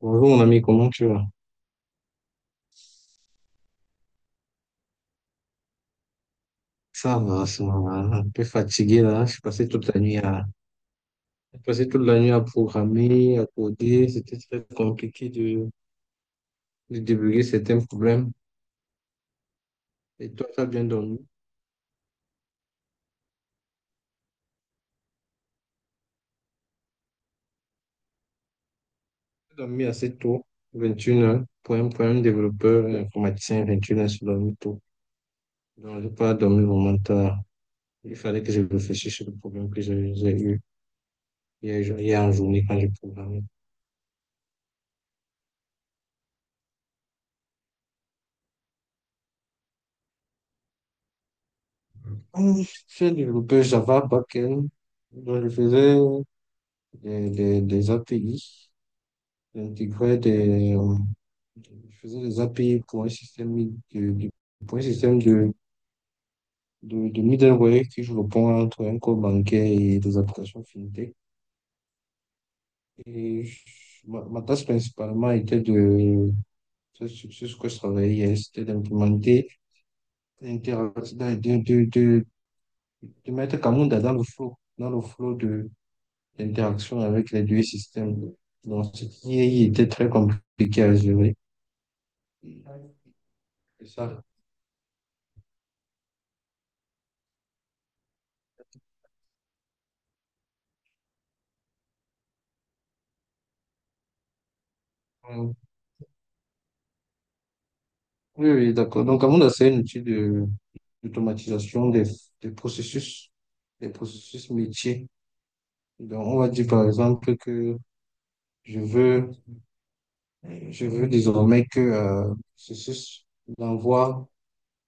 Bonjour mon ami, comment tu vas? Ça va, ça va. Un peu fatigué là. Je suis passé toute la nuit à, J'ai passé toute la nuit à programmer, à coder. C'était très compliqué de débugger certains problèmes. Et toi, tu as bien dormi? J'ai dormi assez tôt, 21 h. Pour un développeur un informaticien, 21 h, c'est dormi tôt. Donc, j'ai pas dormi vraiment tard. Il fallait que je réfléchisse sur le problème que j'ai eu hier en journée quand j'ai programmé. Hum, J'ai développé Java backend. Donc, je faisais des API. J'intégrais je faisais des API pour un système de, de- pour un système de middleware qui joue le pont entre un code bancaire et des applications fintech. Et je- ma tâche principalement était de, c'est sur ce que je travaillais hier, c'était d'implémenter, d'inter- de, de, de, de mettre Camunda dans le flow, l'interaction avec les deux systèmes. Donc, ce qui était très compliqué à gérer. C'est ça. euh, Oui, oui, d'accord. Donc, Amanda, c'est un outil d'automatisation des processus, des processus métiers. Donc, on va dire, par exemple, que je veux, je veux désormais que, processus d'envoi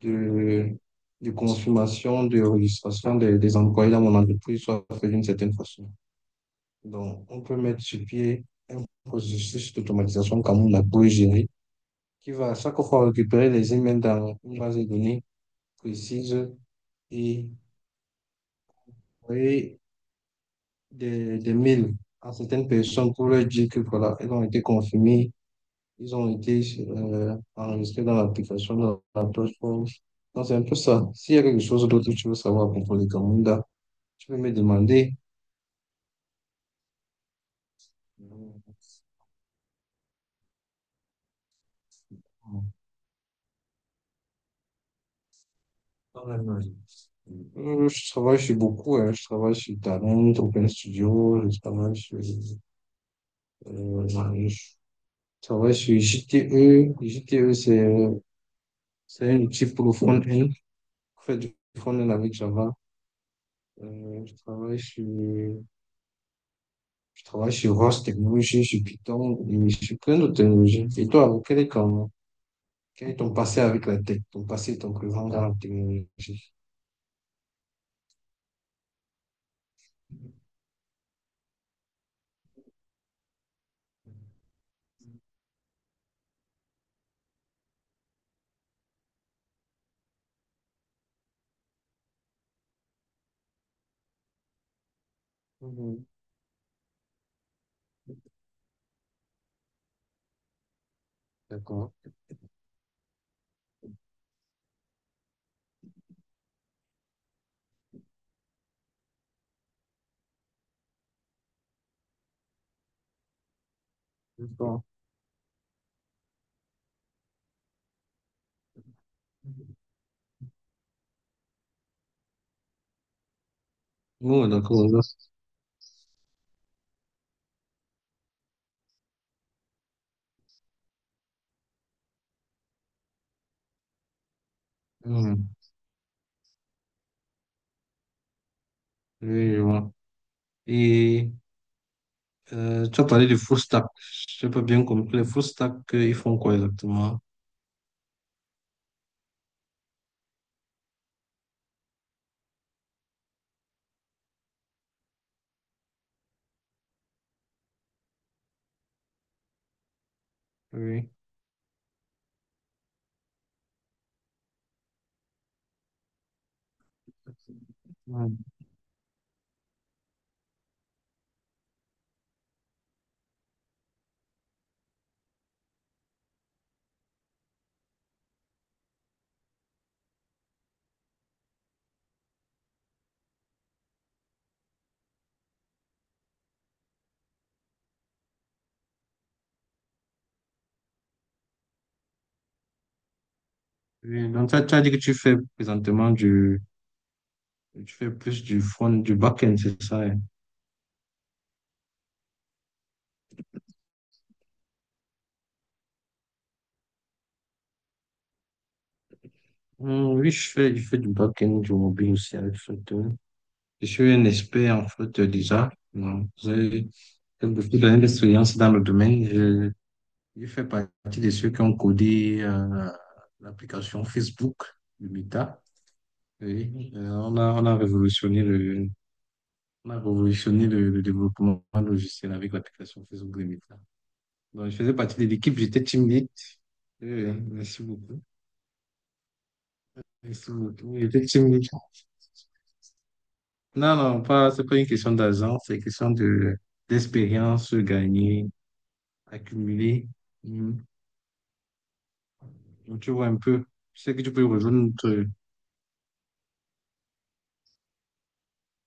de, de consommation, de registration des employés dans mon entreprise soit fait d'une certaine façon. Donc, on peut mettre sur pied un processus d'automatisation comme on a pour gérer, qui va à chaque fois récupérer les emails dans une base de données précise et envoyer des mails à certaines personnes pour leur dire que voilà, elles ont été confirmées, ils ont été enregistrés dans l'application, dans la plateforme. Donc, c'est un peu ça. S'il y a quelque chose d'autre que tu veux savoir à propos des Kamunda, tu peux me demander. En Allemagne. Je travaille sur beaucoup, hein. Je travaille sur Talent, Open Studio, je travaille sur euh, je travaille chez JTE. JTE, c'est un outil pour le front-end. Pour faire du front-end avec Java. Euh, je travaille sur je travaille sur Rust Technology, sur Python et chez plein d'autres technologies. Et toi, quel est ton passé avec la tech, ton passé et ton présent dans la technologie? Mhm. D'accord. D'accord. Oh, d'accord. Mmh. Oui, je vois. Et tu as parlé de full stack. Je n'ai pas bien compris. Les full stack, ils font quoi exactement? Oui. Ouais. Oui, donc, tu as dit que tu fais présentement du, tu fais plus du front, du back-end, c'est ça? Hein. Oui, je fais du back-end, du mobile aussi avec Flutter. Je suis un expert en Flutter déjà. Non, j'ai beaucoup d'années d'expérience dans le domaine. Je fais partie de ceux qui ont codé l'application Facebook de Meta. Oui, on a révolutionné le, on a révolutionné le développement logiciel avec l'application Facebook Limit là. Donc, je faisais partie de l'équipe, j'étais team lead. Merci beaucoup. Merci beaucoup. Oui, j'étais team lead. Non, non, pas, c'est pas une question d'argent, c'est une question d'expérience gagnée, accumulée. Mhm. Donc, tu vois un peu. Je sais que tu peux rejoindre notre-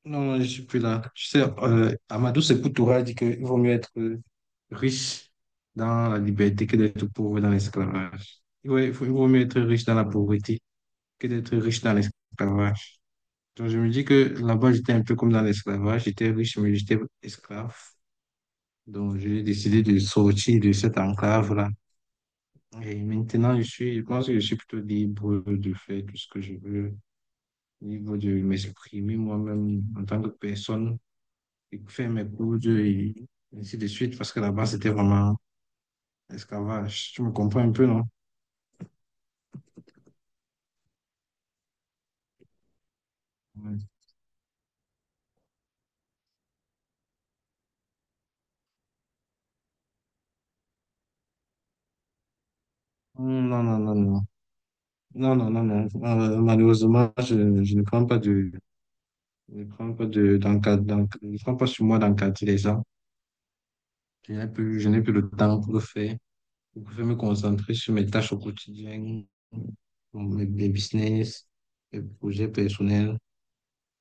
Non, non, je suis plus là. Tu sais, Amadou Sepoutoura dit qu'il vaut mieux être riche dans la liberté que d'être pauvre dans l'esclavage. Il vaut mieux être riche dans la pauvreté que d'être riche dans l'esclavage. Donc, je me dis que là-bas, j'étais un peu comme dans l'esclavage. J'étais riche, mais j'étais esclave. Donc, j'ai décidé de sortir de cette enclave-là. Et maintenant, je pense que je suis plutôt libre de faire tout ce que je veux, libre de m'exprimer moi-même en tant que personne, et faire mes cours et ainsi de suite, parce que là-bas, c'était vraiment esclavage. Tu me comprends un peu, non? Ouais. Hmm. Non, non, non, non. Non, non, non, non. Malheureusement, je ne prends pas je ne prends pas je ne prends pas sur moi d'encadrer les gens. Je n'ai plus le temps pour le faire. Je préfère me concentrer sur mes tâches au quotidien, mes business, mes projets personnels.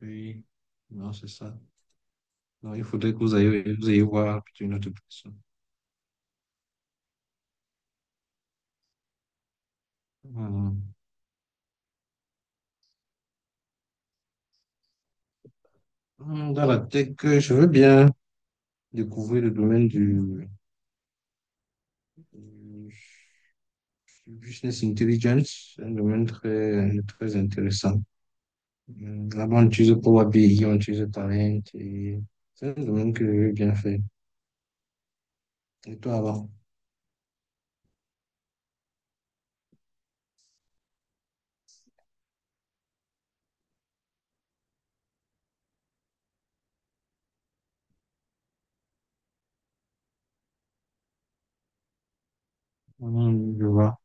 Oui, non, c'est ça. Non, il faudrait que vous ayez voir une autre personne. Hmm. Hmm. Dans la tech, je veux bien découvrir le domaine du, Business Intelligence, c'est un domaine très, très intéressant. Là-bas, on utilise Power BI, on utilise Talent et c'est un domaine que je bien fait. Et toi, avant? Je vois.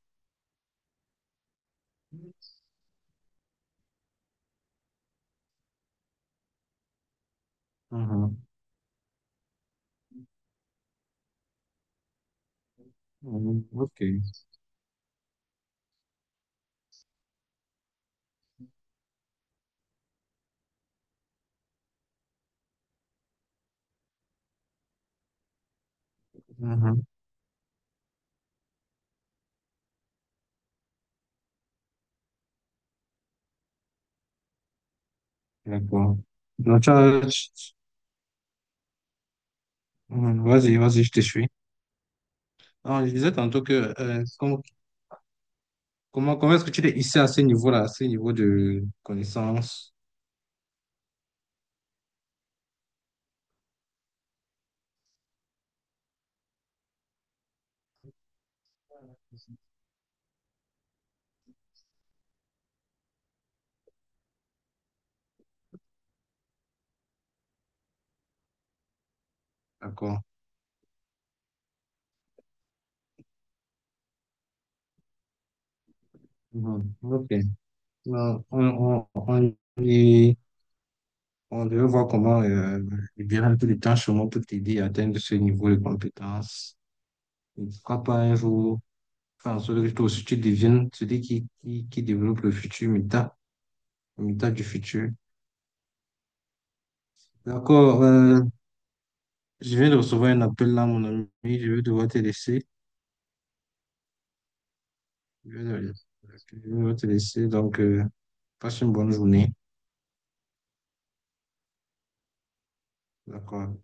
Mhm. Mhm. Ok. Mhm. D'accord. Donc, tu as- tu- Mhm. Vas-y, vas-y, je te suis. Alors, je disais tantôt que euh, com- comment, comment est-ce que tu t'es hissé à ce niveau-là, à ce niveau de connaissance? D'accord. Mhm. Ok. Alors, y- on devait voir comment libérer un peu de temps chez moi pour t'aider à atteindre ce niveau de compétence. Et pourquoi pas un jour faire en sorte que toi aussi tu deviennes celui qui développe le futur, méta, le méta du futur. D'accord, je viens de recevoir un appel là, mon ami. Je vais devoir te laisser. Je vais devoir je vais devoir te laisser. Donc, passe une bonne journée. D'accord.